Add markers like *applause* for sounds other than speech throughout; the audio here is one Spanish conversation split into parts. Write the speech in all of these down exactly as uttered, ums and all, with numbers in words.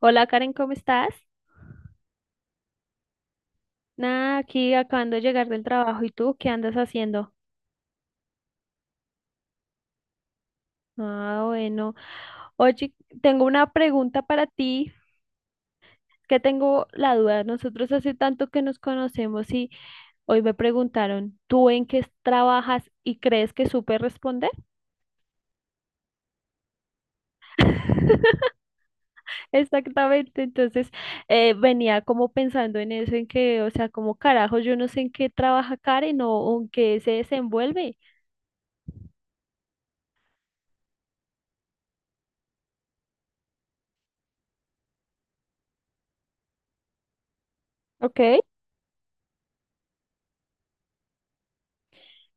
Hola Karen, ¿cómo estás? Nada, aquí acabando de llegar del trabajo. ¿Y tú qué andas haciendo? Ah, bueno. Oye, tengo una pregunta para ti, que tengo la duda. Nosotros hace tanto que nos conocemos y hoy me preguntaron, ¿tú en qué trabajas y crees que supe responder? *laughs* Exactamente. Entonces, eh, venía como pensando en eso, en que, o sea, como carajo, yo no sé en qué trabaja Karen o en qué se desenvuelve. Ok.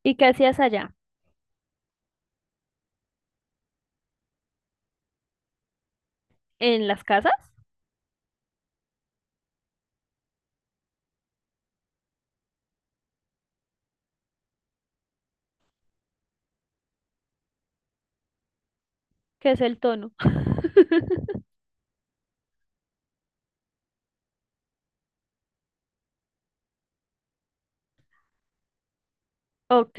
¿Y qué hacías allá? ¿En las casas? ¿Que es el tono? *laughs* Ok.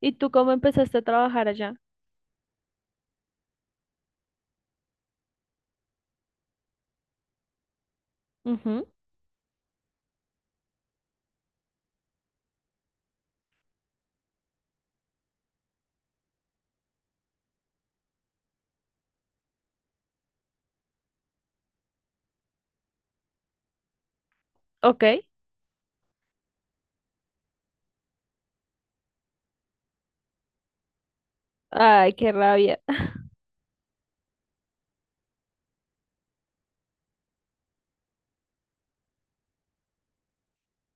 ¿Y tú cómo empezaste a trabajar allá? Ujú. Ok. Ay, qué rabia. *laughs*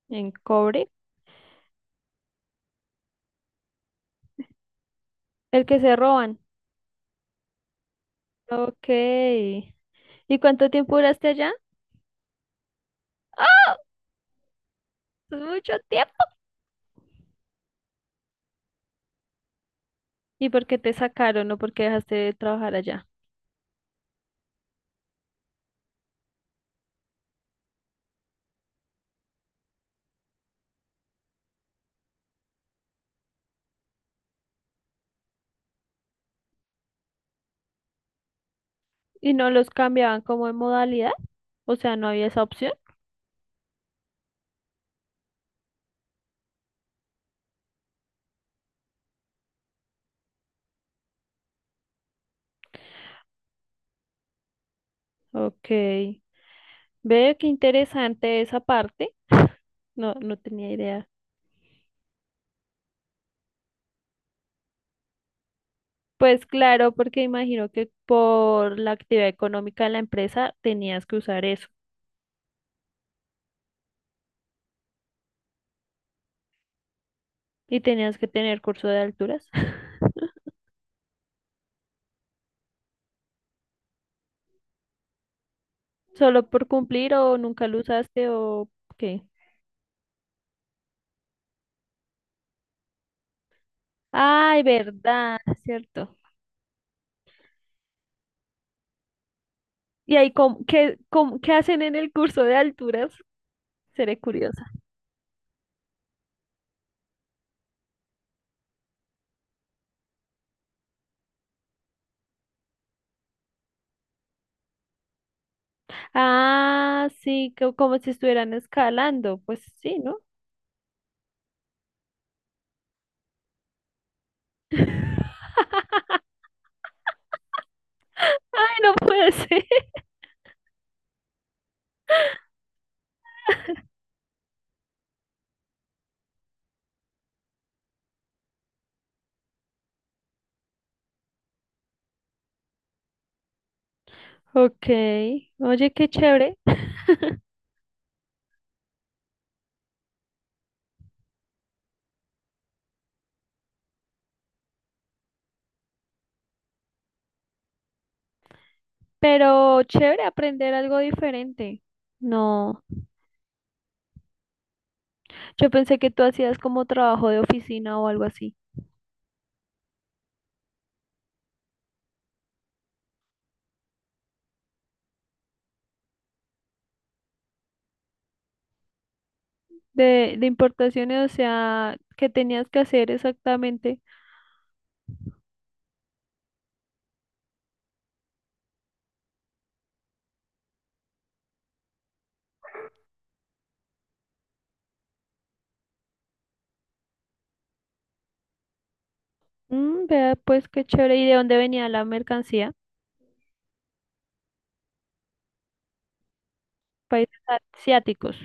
En cobre. El que se roban. Ok. ¿Y cuánto tiempo duraste allá? ¡Ah! Es mucho tiempo. ¿Y por qué te sacaron o por qué dejaste de trabajar allá? ¿Y no los cambiaban como de modalidad? O sea, no había esa opción. Ok. Veo qué interesante esa parte. No, no tenía idea. Pues claro, porque imagino que por la actividad económica de la empresa tenías que usar eso y tenías que tener curso de alturas. *laughs* Solo por cumplir o nunca lo usaste o qué. Ay, verdad, cierto. ¿Y ahí cómo- qué, cómo- qué hacen en el curso de alturas? Seré curiosa. Ah, sí, co- como si estuvieran escalando. Pues sí, ¿no? *laughs* Ay, no puede ser. *laughs* Ok. Oye, qué chévere. Pero chévere aprender algo diferente. No, yo pensé que tú hacías como trabajo de oficina o algo así. De, de importaciones, o sea, ¿qué tenías que hacer exactamente? Mm, vea, pues qué chévere. ¿Y de dónde venía la mercancía? Países asiáticos.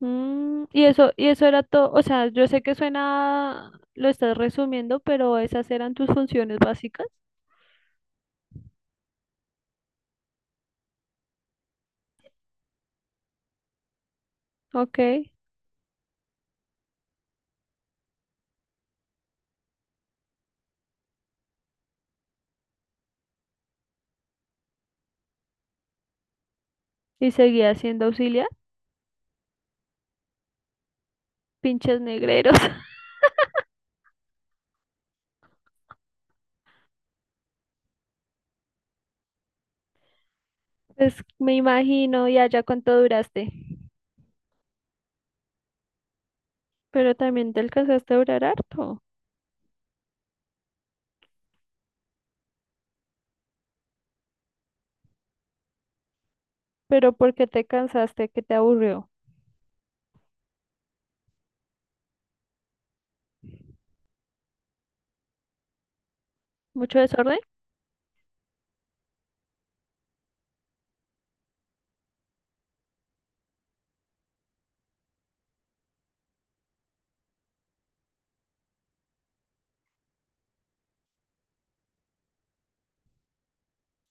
Mm, y eso, y eso era todo. O sea, yo sé que suena, lo estás resumiendo, pero esas eran tus funciones básicas. Ok. Y seguía siendo auxiliar. Pinches negreros. *laughs* Pues me imagino, y allá cuánto duraste. Pero también te alcanzaste a durar harto. Pero ¿por qué te cansaste? ¿Qué te aburrió? ¿Mucho desorden?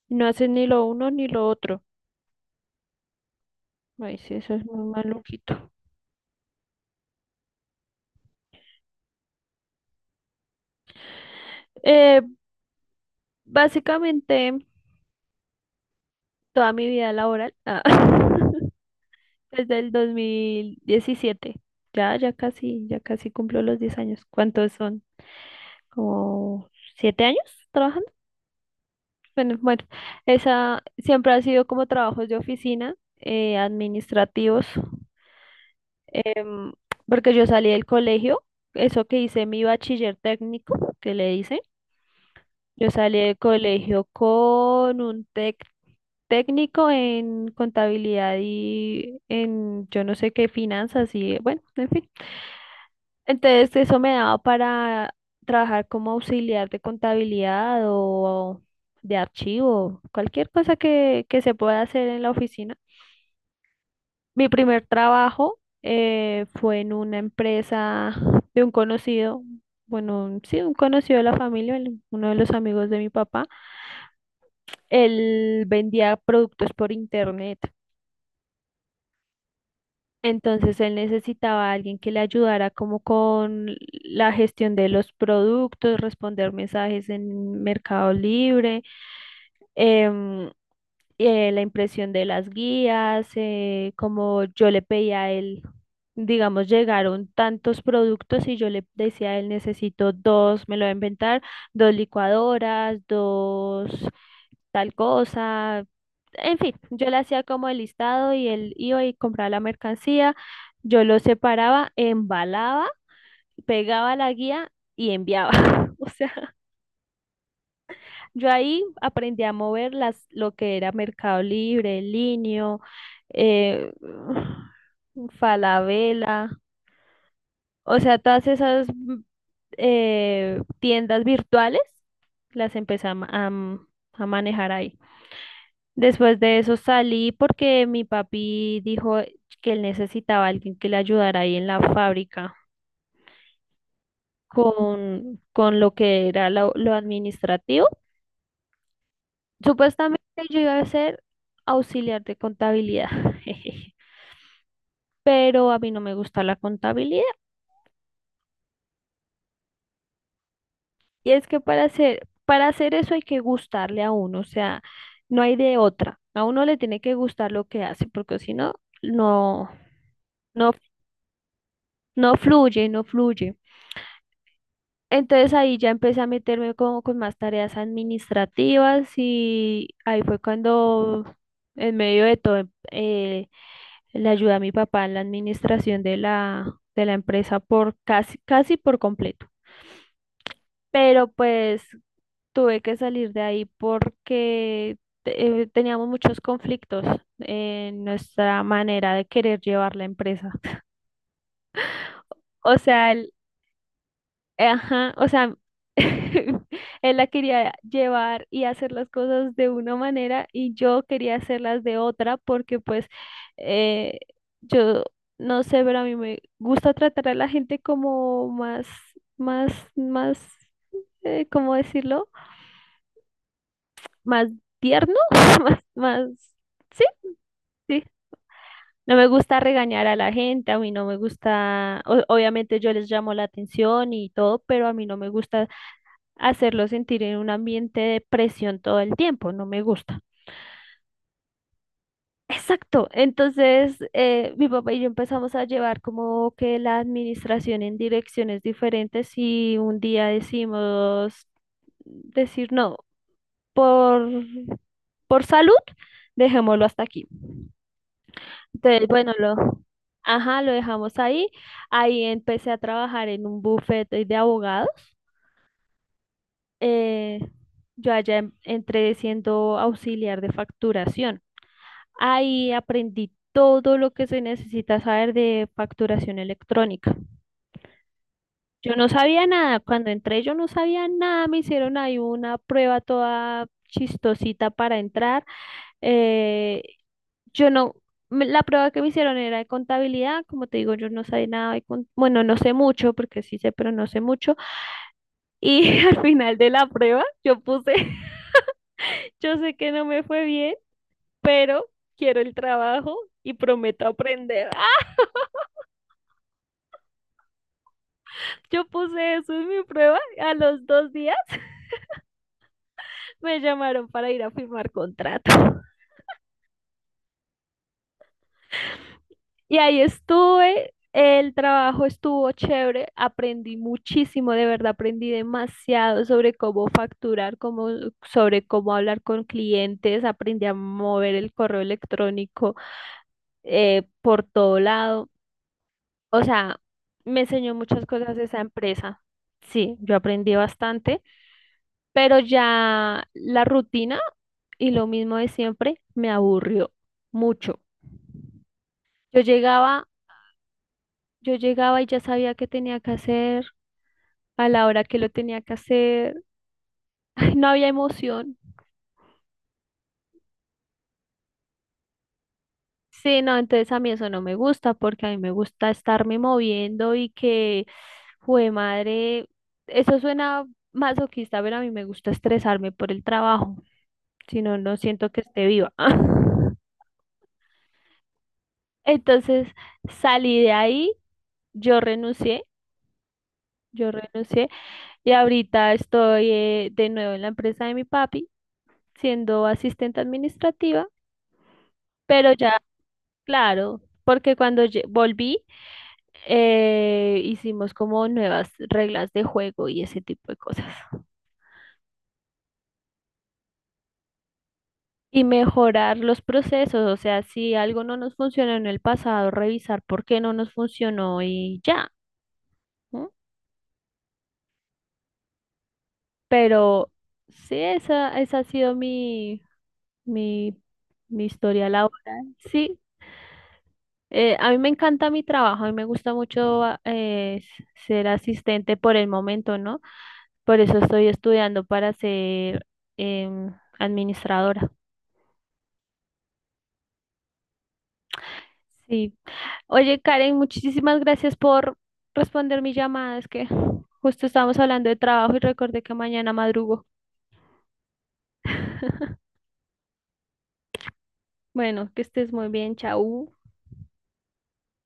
No haces ni lo uno ni lo otro. Ay, sí, eso es muy maluquito. Eh, básicamente, toda mi vida laboral, ah, *laughs* desde el dos mil diecisiete. Ya, ya casi, ya casi cumplo los diez años. ¿Cuántos son? ¿Como siete años? Bueno, bueno, esa siempre ha sido como trabajos de oficina, eh, administrativos, em, porque yo salí del colegio, eso que hice mi bachiller técnico, que le hice, yo salí del colegio con un tec- técnico en contabilidad y en yo no sé qué finanzas y bueno, en fin. Entonces, eso me daba para trabajar como auxiliar de contabilidad o de archivo, cualquier cosa que, que se pueda hacer en la oficina. Mi primer trabajo eh, fue en una empresa de un conocido, bueno, un- sí, un conocido de la familia, el- uno de los amigos de mi papá. Él vendía productos por internet. Entonces él necesitaba a alguien que le ayudara como con la gestión de los productos, responder mensajes en Mercado Libre, em, eh, la impresión de las guías, eh, como yo le pedía a él, digamos, llegaron tantos productos y yo le decía a él, necesito dos, me lo voy a inventar, dos licuadoras, dos tal cosa. En fin, yo le hacía como el listado y él iba y compraba la mercancía, yo lo separaba, embalaba, pegaba la guía y enviaba. *laughs* O sea, yo ahí aprendí a mover las, lo que era Mercado Libre, Linio, eh, *sighs* Falabella, o sea, todas esas mm, eh, tiendas virtuales las empecé a, ma- a m- a manejar ahí. Después de eso salí porque mi papi dijo que él necesitaba a alguien que le ayudara ahí en la fábrica con, con lo que era lo, lo administrativo. Supuestamente yo iba a ser auxiliar de contabilidad, *laughs* pero a mí no me gusta la contabilidad. Y es que para hacer, para hacer eso hay que gustarle a uno, o sea, no hay de otra. A uno le tiene que gustar lo que hace, porque si no, no, no, no fluye, no fluye. Entonces ahí ya empecé a meterme como con más tareas administrativas y ahí fue cuando en medio de todo em- eh, le ayudé a mi papá en la administración de la, de la empresa por casi, casi por completo. Pero pues tuve que salir de ahí porque te- eh, teníamos muchos conflictos en nuestra manera de querer llevar la empresa. O sea, ajá, o sea, *laughs* él la quería llevar y hacer las cosas de una manera y yo quería hacerlas de otra porque pues eh, yo no sé, pero a mí me gusta tratar a la gente como más, más, más, eh, ¿cómo decirlo? Más tierno, *laughs* más, más, sí, sí. No me gusta regañar a la gente, a mí no me gusta, o- obviamente yo les llamo la atención y todo, pero a mí no me gusta hacerlo sentir en un ambiente de presión todo el tiempo, no me gusta. Exacto, entonces eh, mi papá y yo empezamos a llevar como que la administración en direcciones diferentes y un día decimos, decir no, por, por salud, dejémoslo hasta aquí. Entonces, bueno, lo, ajá, lo dejamos ahí. Ahí empecé a trabajar en un bufete de abogados. Eh, yo allá em- entré siendo auxiliar de facturación. Ahí aprendí todo lo que se necesita saber de facturación electrónica. Yo no sabía nada, cuando entré yo no sabía nada, me hicieron ahí una prueba toda chistosita para entrar. Eh, yo no, me- La prueba que me hicieron era de contabilidad, como te digo, yo no sabía nada de con- bueno, no sé mucho, porque sí sé, pero no sé mucho. Y *laughs* al final de la prueba yo puse, *laughs* yo sé que no me fue bien, pero quiero el trabajo y prometo aprender. Yo puse eso en mi prueba. A los dos días *laughs* me llamaron para ir a firmar contrato. Y ahí estuve. El trabajo estuvo chévere. Aprendí muchísimo, de verdad, aprendí demasiado sobre cómo facturar, cómo, sobre cómo hablar con clientes. Aprendí a mover el correo electrónico eh, por todo lado. O sea, me enseñó muchas cosas esa empresa. Sí, yo aprendí bastante, pero ya la rutina y lo mismo de siempre me aburrió mucho. Yo llegaba, yo llegaba y ya sabía qué tenía que hacer, a la hora que lo tenía que hacer. *laughs* Ay, no había emoción. Sí, no, entonces a mí eso no me gusta porque a mí me gusta estarme moviendo y que, jue madre, eso suena masoquista, pero a mí me gusta estresarme por el trabajo. Si no, no siento que esté viva. *laughs* Entonces salí de ahí, yo renuncié, yo renuncié y ahorita estoy eh, de nuevo en la empresa de mi papi, siendo asistente administrativa, pero ya, claro, porque cuando lle- volví eh, hicimos como nuevas reglas de juego y ese tipo de cosas. Y mejorar los procesos, o sea, si algo no nos funcionó en el pasado, revisar por qué no nos funcionó y ya. Pero sí, esa, esa ha sido mi, mi, mi historia laboral. Sí, eh, a mí me encanta mi trabajo, a mí me gusta mucho ah, eh, ser asistente por el momento, ¿no? Por eso estoy estudiando para ser em, administradora. Sí. Oye, Karen, muchísimas gracias por responder mi llamada. Es que justo estábamos hablando de trabajo y recordé que mañana madrugo. *laughs* Bueno, que estés muy bien, chau.